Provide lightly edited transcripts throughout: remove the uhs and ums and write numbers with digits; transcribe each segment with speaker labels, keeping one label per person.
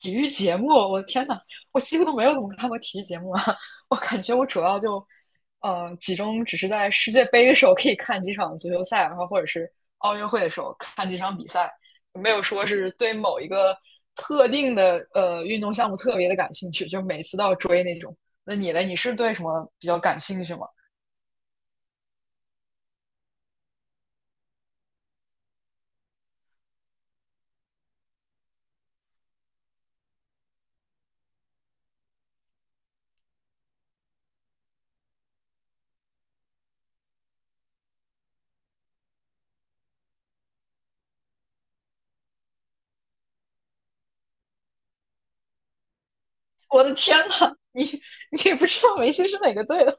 Speaker 1: 体育节目，我的天呐，我几乎都没有怎么看过体育节目啊！我感觉我主要就，集中只是在世界杯的时候可以看几场足球赛，然后或者是奥运会的时候看几场比赛，没有说是对某一个特定的运动项目特别的感兴趣，就每次都要追那种。那你呢？你是对什么比较感兴趣吗？我的天呐，你也不知道梅西是哪个队的？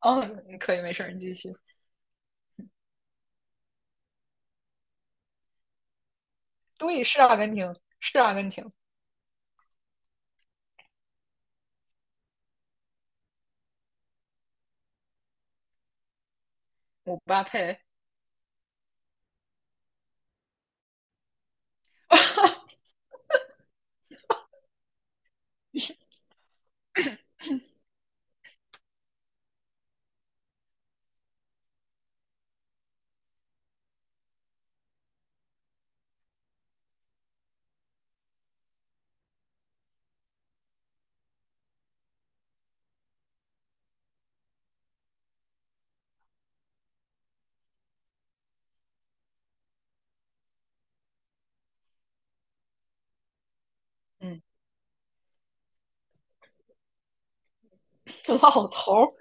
Speaker 1: 嗯，可以，没事你继续。对，是阿根廷，是阿根廷，姆巴佩。嗯。老头儿，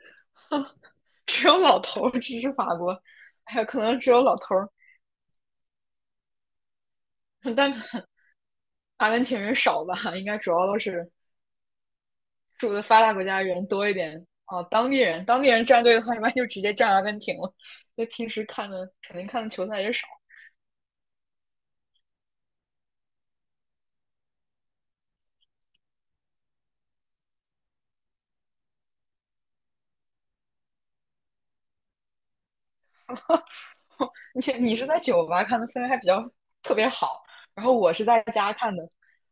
Speaker 1: 只有老头儿支持法国，哎呀，可能只有老头儿，但阿根廷人少吧，应该主要都是住的发达国家人多一点。哦，当地人，当地人站队的话，一般就直接站阿根廷了，因为平时看的肯定看的球赛也少。你是在酒吧看的，氛围还比较特别好，然后我是在家看的。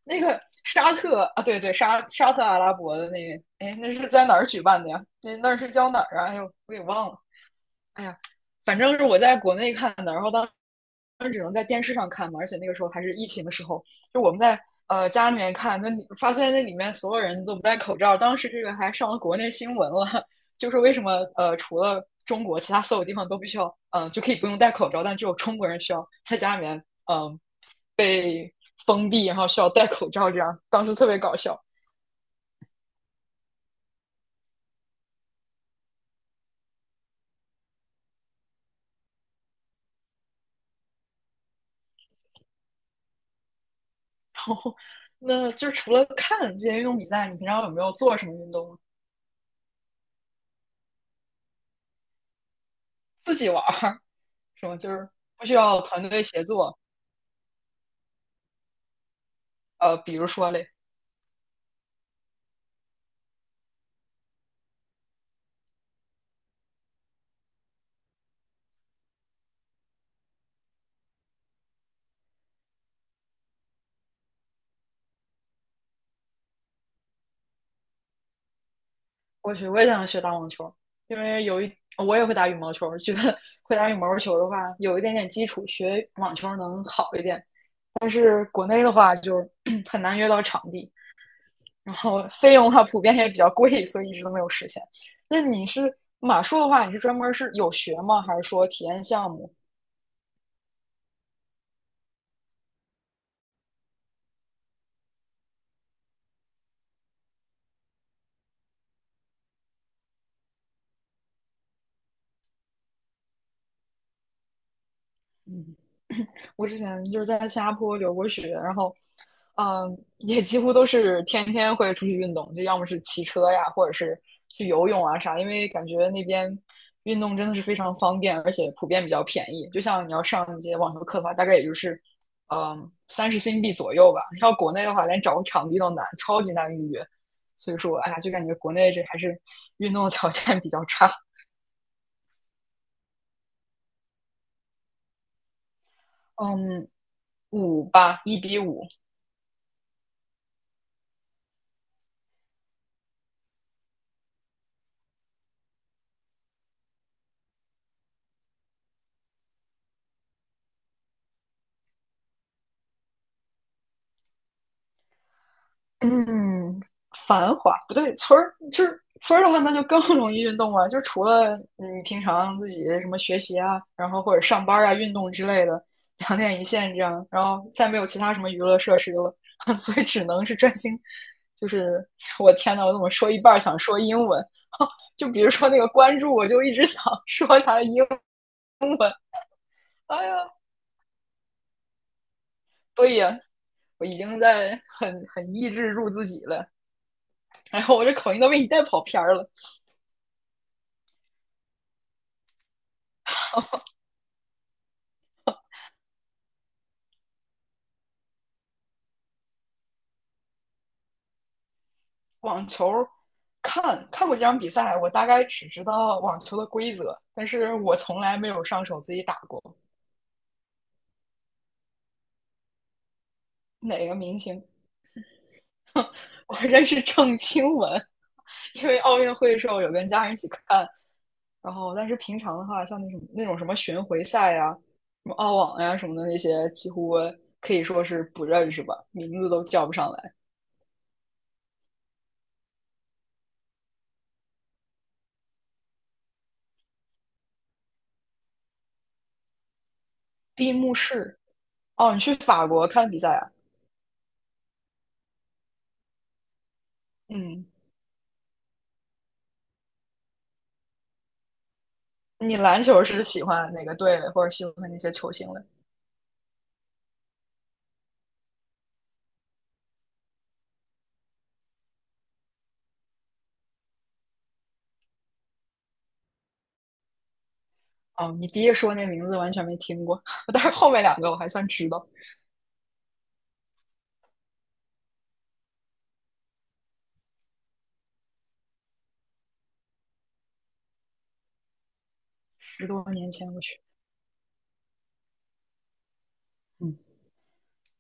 Speaker 1: 那个沙特啊，对对，沙特阿拉伯的那个，哎，那是在哪儿举办的呀？那是叫哪儿啊？哎呦，我给忘了。哎呀，反正是我在国内看的，然后当时只能在电视上看嘛，而且那个时候还是疫情的时候，就我们在家里面看，那你发现那里面所有人都不戴口罩，当时这个还上了国内新闻了，就是为什么除了中国，其他所有地方都必须要呃就可以不用戴口罩，但只有中国人需要在家里面嗯、呃、被封闭，然后需要戴口罩，这样当时特别搞笑。那就除了看这些运动比赛，你平常有没有做什么运动？自己玩儿，什么？就是不需要团队协作。比如说嘞，我去，我也想学打网球，因为有一我也会打羽毛球，觉得会打羽毛球的话，有一点点基础，学网球能好一点。但是国内的话，就 很难约到场地，然后费用的话普遍也比较贵，所以一直都没有实现。那你是马术的话，你是专门是有学吗？还是说体验项目？嗯，我之前就是在新加坡留过学，然后，也几乎都是天天会出去运动，就要么是骑车呀，或者是去游泳啊啥，因为感觉那边运动真的是非常方便，而且普遍比较便宜。就像你要上一节网球课的话，大概也就是，30新币左右吧。要国内的话，连找个场地都难，超级难预约。所以说，哎呀，就感觉国内这还是运动的条件比较差。嗯，五吧，1:5。嗯，繁华不对，村儿就是村儿的话，那就更容易运动了。就除了你平常自己什么学习啊，然后或者上班啊、运动之类的，两点一线这样，然后再没有其他什么娱乐设施了，所以只能是专心。就是我天呐，我怎么说一半儿想说英文？就比如说那个关注，我就一直想 说他的英文。哎呀，所以啊我已经在很抑制住自己了。然后我这口音都被你带跑偏儿了。网球，看过几场比赛，我大概只知道网球的规则，但是我从来没有上手自己打过。哪个明星？我认识郑钦文，因为奥运会的时候有跟家人一起看，然后但是平常的话，像那什么那种什么巡回赛呀、什么澳网呀、啊什么的那些，几乎可以说是不认识吧，名字都叫不上来。闭幕式。哦，你去法国看比赛啊？嗯，你篮球是喜欢哪个队的，或者喜欢那些球星的？哦，你第一说那名字完全没听过，但是后面两个我还算知道，10多年前我去。嗯，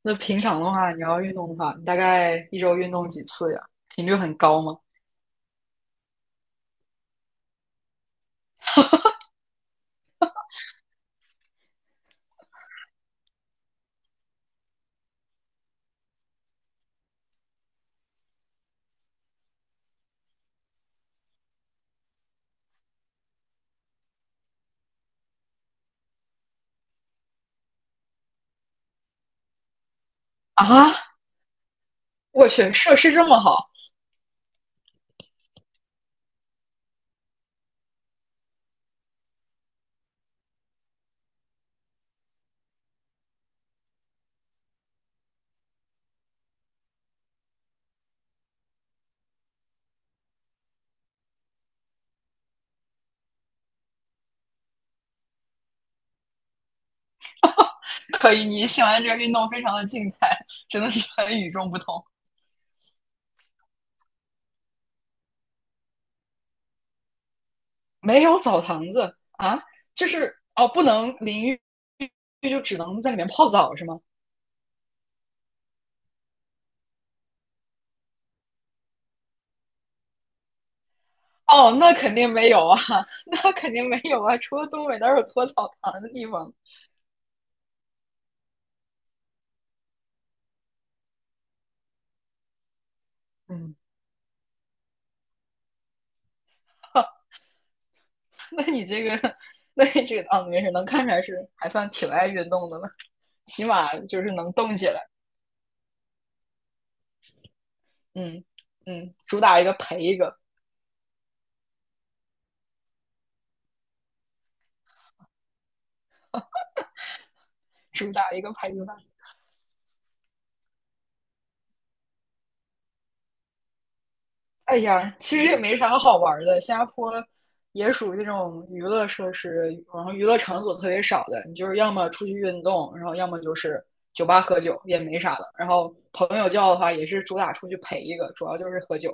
Speaker 1: 那平常的话，你要运动的话，你大概一周运动几次呀？频率很高吗？啊，我去，设施这么好，可以，你喜欢这个运动非常的静态，真的是很与众不同。没有澡堂子啊，就是哦，不能淋浴，就只能在里面泡澡是吗？哦，那肯定没有啊，那肯定没有啊，除了东北哪有搓澡堂的地方？嗯，那你这个，那你这个啊，没事，能看出来是还算挺爱运动的了，起码就是能动起来。嗯嗯，主打一个陪一个，主打一个陪一个。哎呀，其实也没啥好玩的。新加坡也属于那种娱乐设施，然后娱乐场所特别少的。你就是要么出去运动，然后要么就是酒吧喝酒，也没啥的。然后朋友叫的话，也是主打出去陪一个，主要就是喝酒。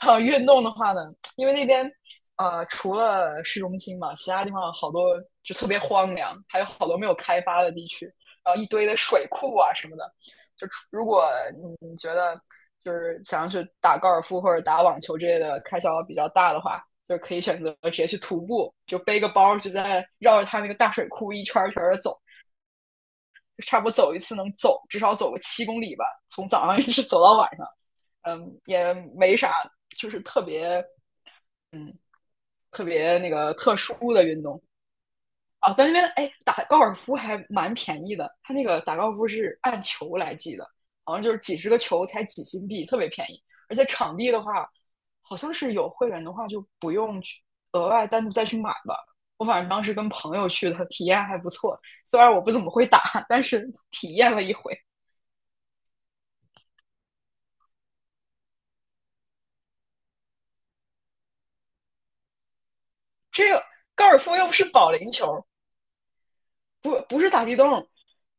Speaker 1: 然后运动的话呢，因为那边除了市中心嘛，其他地方好多就特别荒凉，还有好多没有开发的地区，然后一堆的水库啊什么的。就如果你觉得就是想要去打高尔夫或者打网球之类的开销比较大的话，就可以选择直接去徒步，就背个包，就在绕着它那个大水库一圈一圈的走，就差不多走一次能走至少走个7公里吧，从早上一直走到晚上。嗯，也没啥，就是特别嗯特别那个特殊的运动，啊，但那边哎打高尔夫还蛮便宜的，他那个打高尔夫是按球来计的，好像就是几十个球才几新币，特别便宜。而且场地的话，好像是有会员的话就不用去额外单独再去买吧。我反正当时跟朋友去的，体验还不错。虽然我不怎么会打，但是体验了一回。这个高尔夫又不是保龄球，不是打地洞，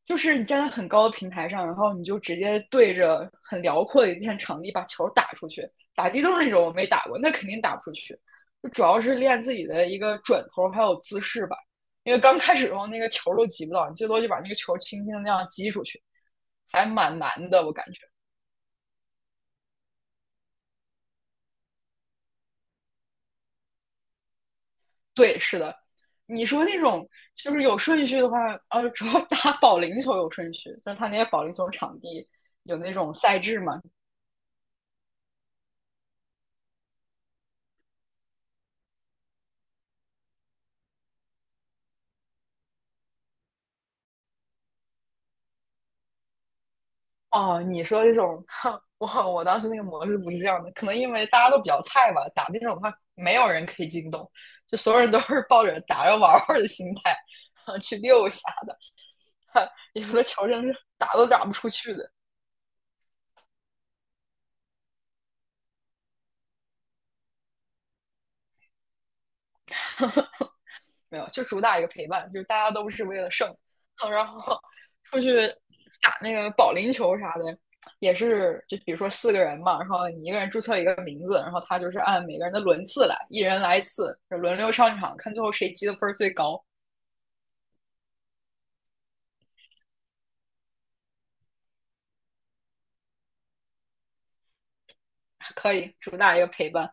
Speaker 1: 就是你站在很高的平台上，然后你就直接对着很辽阔的一片场地把球打出去。打地洞那种我没打过，那肯定打不出去。就主要是练自己的一个转头还有姿势吧，因为刚开始的时候那个球都击不到，你最多就把那个球轻轻的那样击出去，还蛮难的，我感觉。对，是的。你说那种就是有顺序的话，主要打保龄球有顺序，就是他那些保龄球场地有那种赛制嘛，哦，你说这种，我当时那个模式不是这样的，可能因为大家都比较菜吧，打那种的话，没有人可以进洞，就所有人都是抱着打着玩玩的心态，啊，去溜一下的，有的球真是打都打不出去的。没有，就主打一个陪伴，就是大家都不是为了胜，然后出去打那个保龄球啥的，也是就比如说四个人嘛，然后你一个人注册一个名字，然后他就是按每个人的轮次来，一人来一次，轮流上场，看最后谁积的分最高。可以主打一个陪伴，